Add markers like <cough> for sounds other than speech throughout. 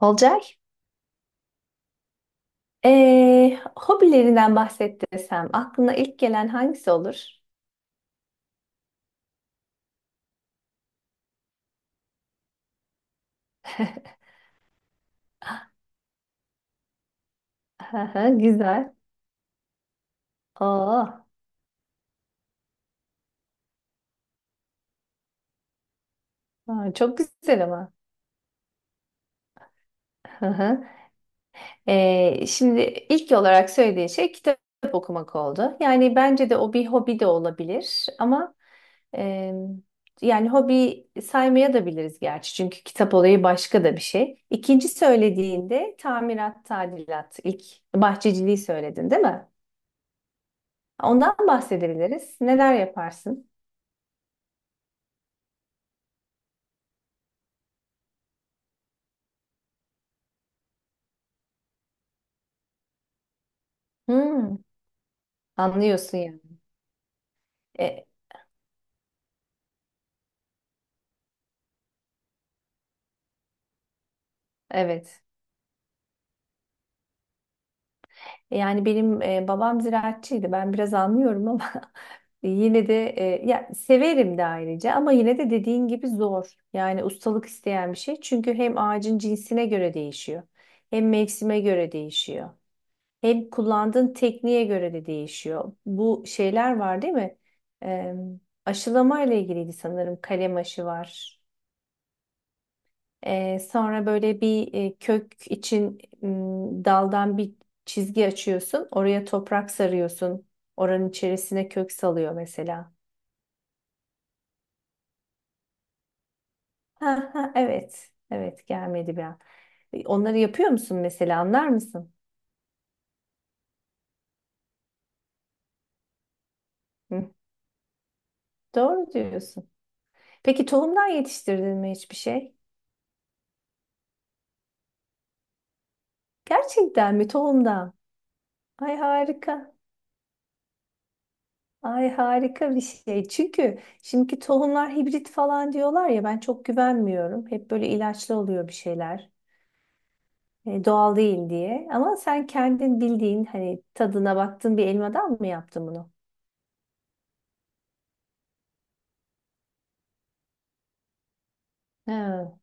Olcay, hobilerinden bahset desem aklına ilk gelen hangisi olur? <laughs> Hı. Güzel. Oo, aa, çok güzel ama. Hı. Şimdi ilk olarak söylediğin şey kitap okumak oldu. Yani bence de o bir hobi de olabilir ama e, yani hobi saymaya da biliriz gerçi. Çünkü kitap olayı başka da bir şey. İkinci söylediğinde tamirat, tadilat, ilk bahçeciliği söyledin, değil mi? Ondan bahsedebiliriz. Neler yaparsın? Hmm, anlıyorsun yani. E, evet. Yani benim babam ziraatçıydı. Ben biraz anlıyorum ama <laughs> yine de ya severim de ayrıca ama yine de dediğin gibi zor. Yani ustalık isteyen bir şey. Çünkü hem ağacın cinsine göre değişiyor. Hem mevsime göre değişiyor. Hem kullandığın tekniğe göre de değişiyor. Bu şeyler var değil mi? E, Aşılama ile ilgiliydi sanırım. Kalem aşı var. Sonra böyle bir kök için daldan bir çizgi açıyorsun. Oraya toprak sarıyorsun. Oranın içerisine kök salıyor mesela. Ha, ha, evet. Evet gelmedi bir an. Onları yapıyor musun mesela, anlar mısın? Hı, doğru diyorsun. Peki tohumdan yetiştirdin mi hiçbir şey? Gerçekten mi tohumdan? Ay harika. Ay harika bir şey. Çünkü şimdiki tohumlar hibrit falan diyorlar ya, ben çok güvenmiyorum. Hep böyle ilaçlı oluyor bir şeyler. Doğal değil diye. Ama sen kendin bildiğin hani tadına baktığın bir elmadan mı yaptın bunu? Ha,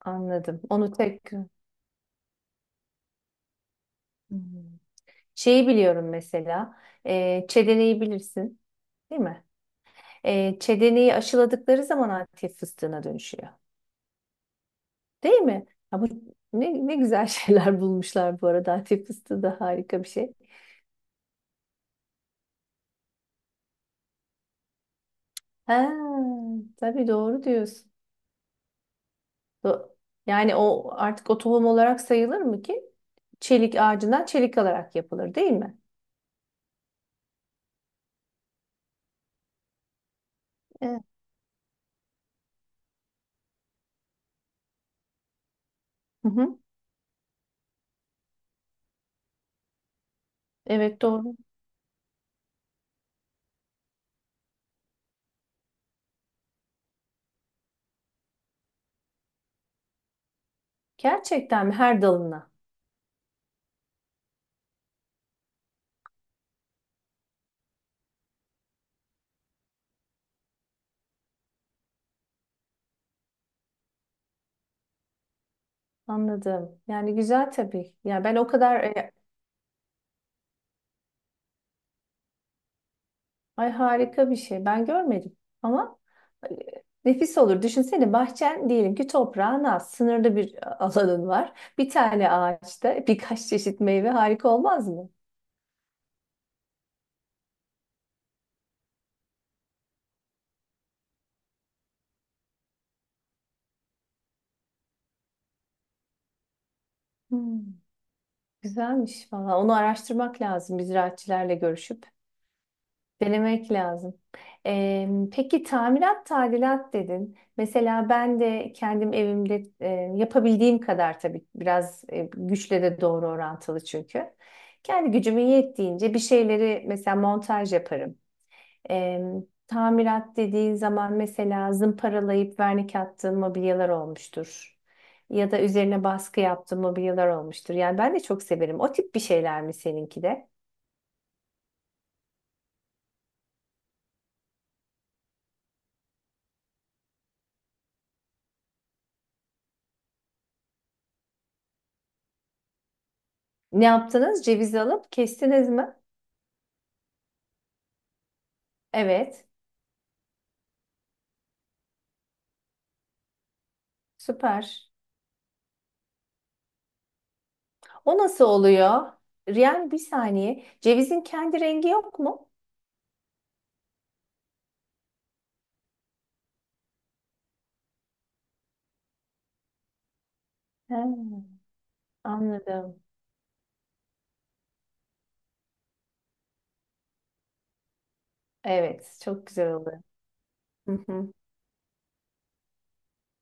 anladım. Onu tek. Hmm. Şeyi biliyorum mesela. Çedeneyi bilirsin, değil mi? Çedeneyi aşıladıkları zaman Antep fıstığına dönüşüyor. Değil mi? Ya bu ne, ne güzel şeyler <laughs> bulmuşlar bu arada. Antep fıstığı da harika bir şey. Ha, tabii doğru diyorsun. Do-. Yani o artık o tohum olarak sayılır mı ki? Çelik ağacından çelik alarak yapılır değil mi? Evet. Hı hı. Evet doğru. Gerçekten mi? Her dalına. Anladım. Yani güzel tabii. Ya ben o kadar ay harika bir şey. Ben görmedim ama e, nefis olur. Düşünsene, bahçen diyelim ki toprağın az, sınırlı bir alanın var. Bir tane ağaçta birkaç çeşit meyve harika olmaz mı? Hmm, güzelmiş valla. Onu araştırmak lazım. Biz ziraatçilerle görüşüp. Denemek lazım. Peki tamirat tadilat dedin. Mesela ben de kendim evimde yapabildiğim kadar tabii, biraz güçle de doğru orantılı çünkü. Kendi gücümün yettiğince bir şeyleri mesela montaj yaparım. E, Tamirat dediğin zaman mesela zımparalayıp vernik attığın mobilyalar olmuştur. Ya da üzerine baskı yaptığın mobilyalar olmuştur. Yani ben de çok severim. O tip bir şeyler mi seninki de? Ne yaptınız? Cevizi alıp kestiniz mi? Evet. Süper. O nasıl oluyor? Yani bir saniye. Cevizin kendi rengi yok mu? He, anladım. Evet, çok güzel oldu. Hı hı.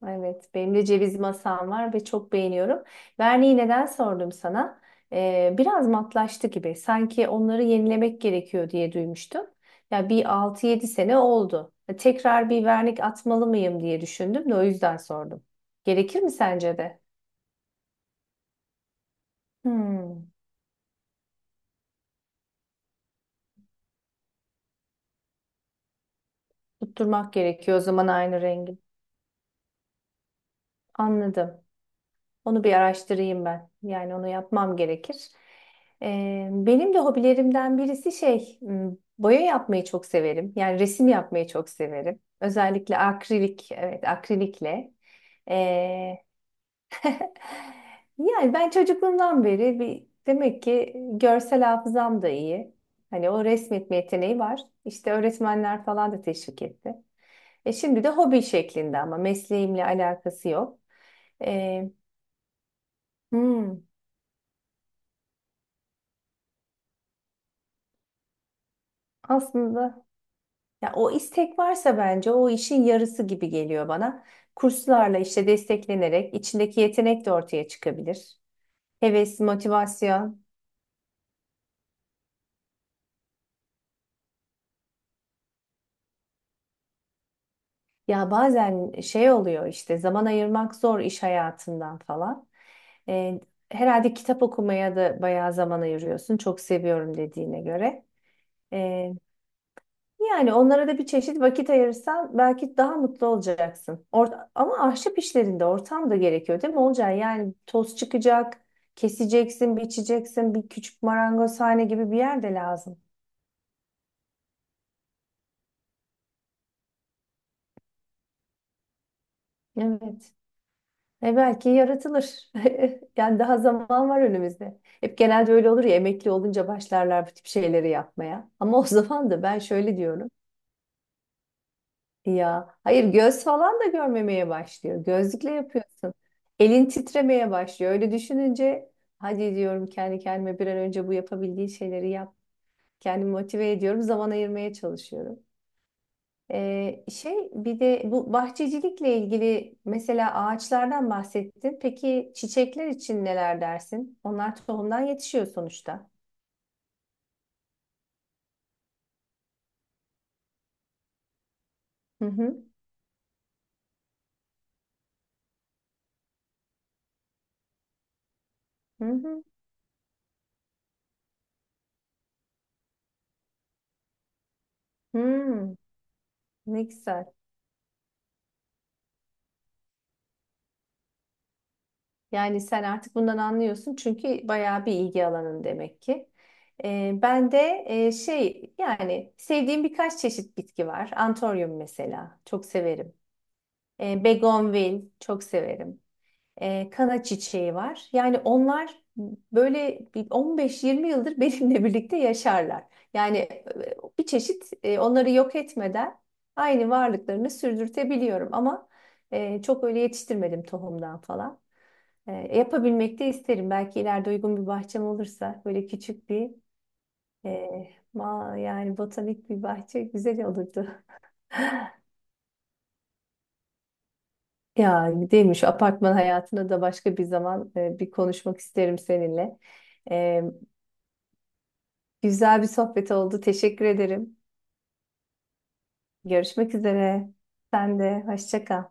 Evet, benim de ceviz masam var ve çok beğeniyorum. Verniği neden sordum sana? Biraz matlaştı gibi. Sanki onları yenilemek gerekiyor diye duymuştum. Ya bir altı yedi sene oldu. E, tekrar bir vernik atmalı mıyım diye düşündüm de o yüzden sordum. Gerekir mi sence de? Hmm, tutturmak gerekiyor o zaman aynı rengi. Anladım. Onu bir araştırayım ben. Yani onu yapmam gerekir. Benim de hobilerimden birisi şey, boya yapmayı çok severim. Yani resim yapmayı çok severim. Özellikle akrilik, evet akrilikle. Ee, <laughs> yani ben çocukluğumdan beri bir demek ki görsel hafızam da iyi. Hani o resmetme yeteneği var. İşte öğretmenler falan da teşvik etti. E şimdi de hobi şeklinde ama mesleğimle alakası yok. Ee, hmm. Aslında ya o istek varsa bence o işin yarısı gibi geliyor bana. Kurslarla işte desteklenerek içindeki yetenek de ortaya çıkabilir. Heves, motivasyon. Ya bazen şey oluyor, işte zaman ayırmak zor iş hayatından falan. Ee, herhalde kitap okumaya da bayağı zaman ayırıyorsun. Çok seviyorum dediğine göre. Yani onlara da bir çeşit vakit ayırırsan belki daha mutlu olacaksın. Or-, ama ahşap işlerinde ortam da gerekiyor değil mi Olcay? Yani toz çıkacak, keseceksin, biçeceksin, bir küçük marangozhane gibi bir yer de lazım. Evet. E belki yaratılır. <laughs> Yani daha zaman var önümüzde. Hep genelde öyle olur ya, emekli olunca başlarlar bu tip şeyleri yapmaya. Ama o <laughs> zaman da ben şöyle diyorum. Ya hayır, göz falan da görmemeye başlıyor. Gözlükle yapıyorsun. Elin titremeye başlıyor. Öyle düşününce hadi diyorum kendi kendime, bir an önce bu yapabildiği şeyleri yap. Kendimi motive ediyorum. Zaman ayırmaya çalışıyorum. Şey, bir de bu bahçecilikle ilgili mesela ağaçlardan bahsettin. Peki çiçekler için neler dersin? Onlar tohumdan yetişiyor sonuçta. Hı hı. Hı hı. Hmm. Ne güzel. Yani sen artık bundan anlıyorsun, çünkü bayağı bir ilgi alanın demek ki. Ben de şey, yani sevdiğim birkaç çeşit bitki var. Antoryum mesela çok severim. Begonvil çok severim. Kana çiçeği var. Yani onlar böyle bir 15-20 yıldır benimle <laughs> birlikte yaşarlar. Yani bir çeşit onları yok etmeden aynı varlıklarını sürdürtebiliyorum ama çok öyle yetiştirmedim tohumdan falan. Yapabilmek de isterim. Belki ileride uygun bir bahçem olursa böyle küçük bir e, ma yani botanik bir bahçe güzel olurdu. <laughs> Ya değil mi, şu apartman hayatına da başka bir zaman bir konuşmak isterim seninle. E, güzel bir sohbet oldu. Teşekkür ederim. Görüşmek üzere. Sen de hoşça kal.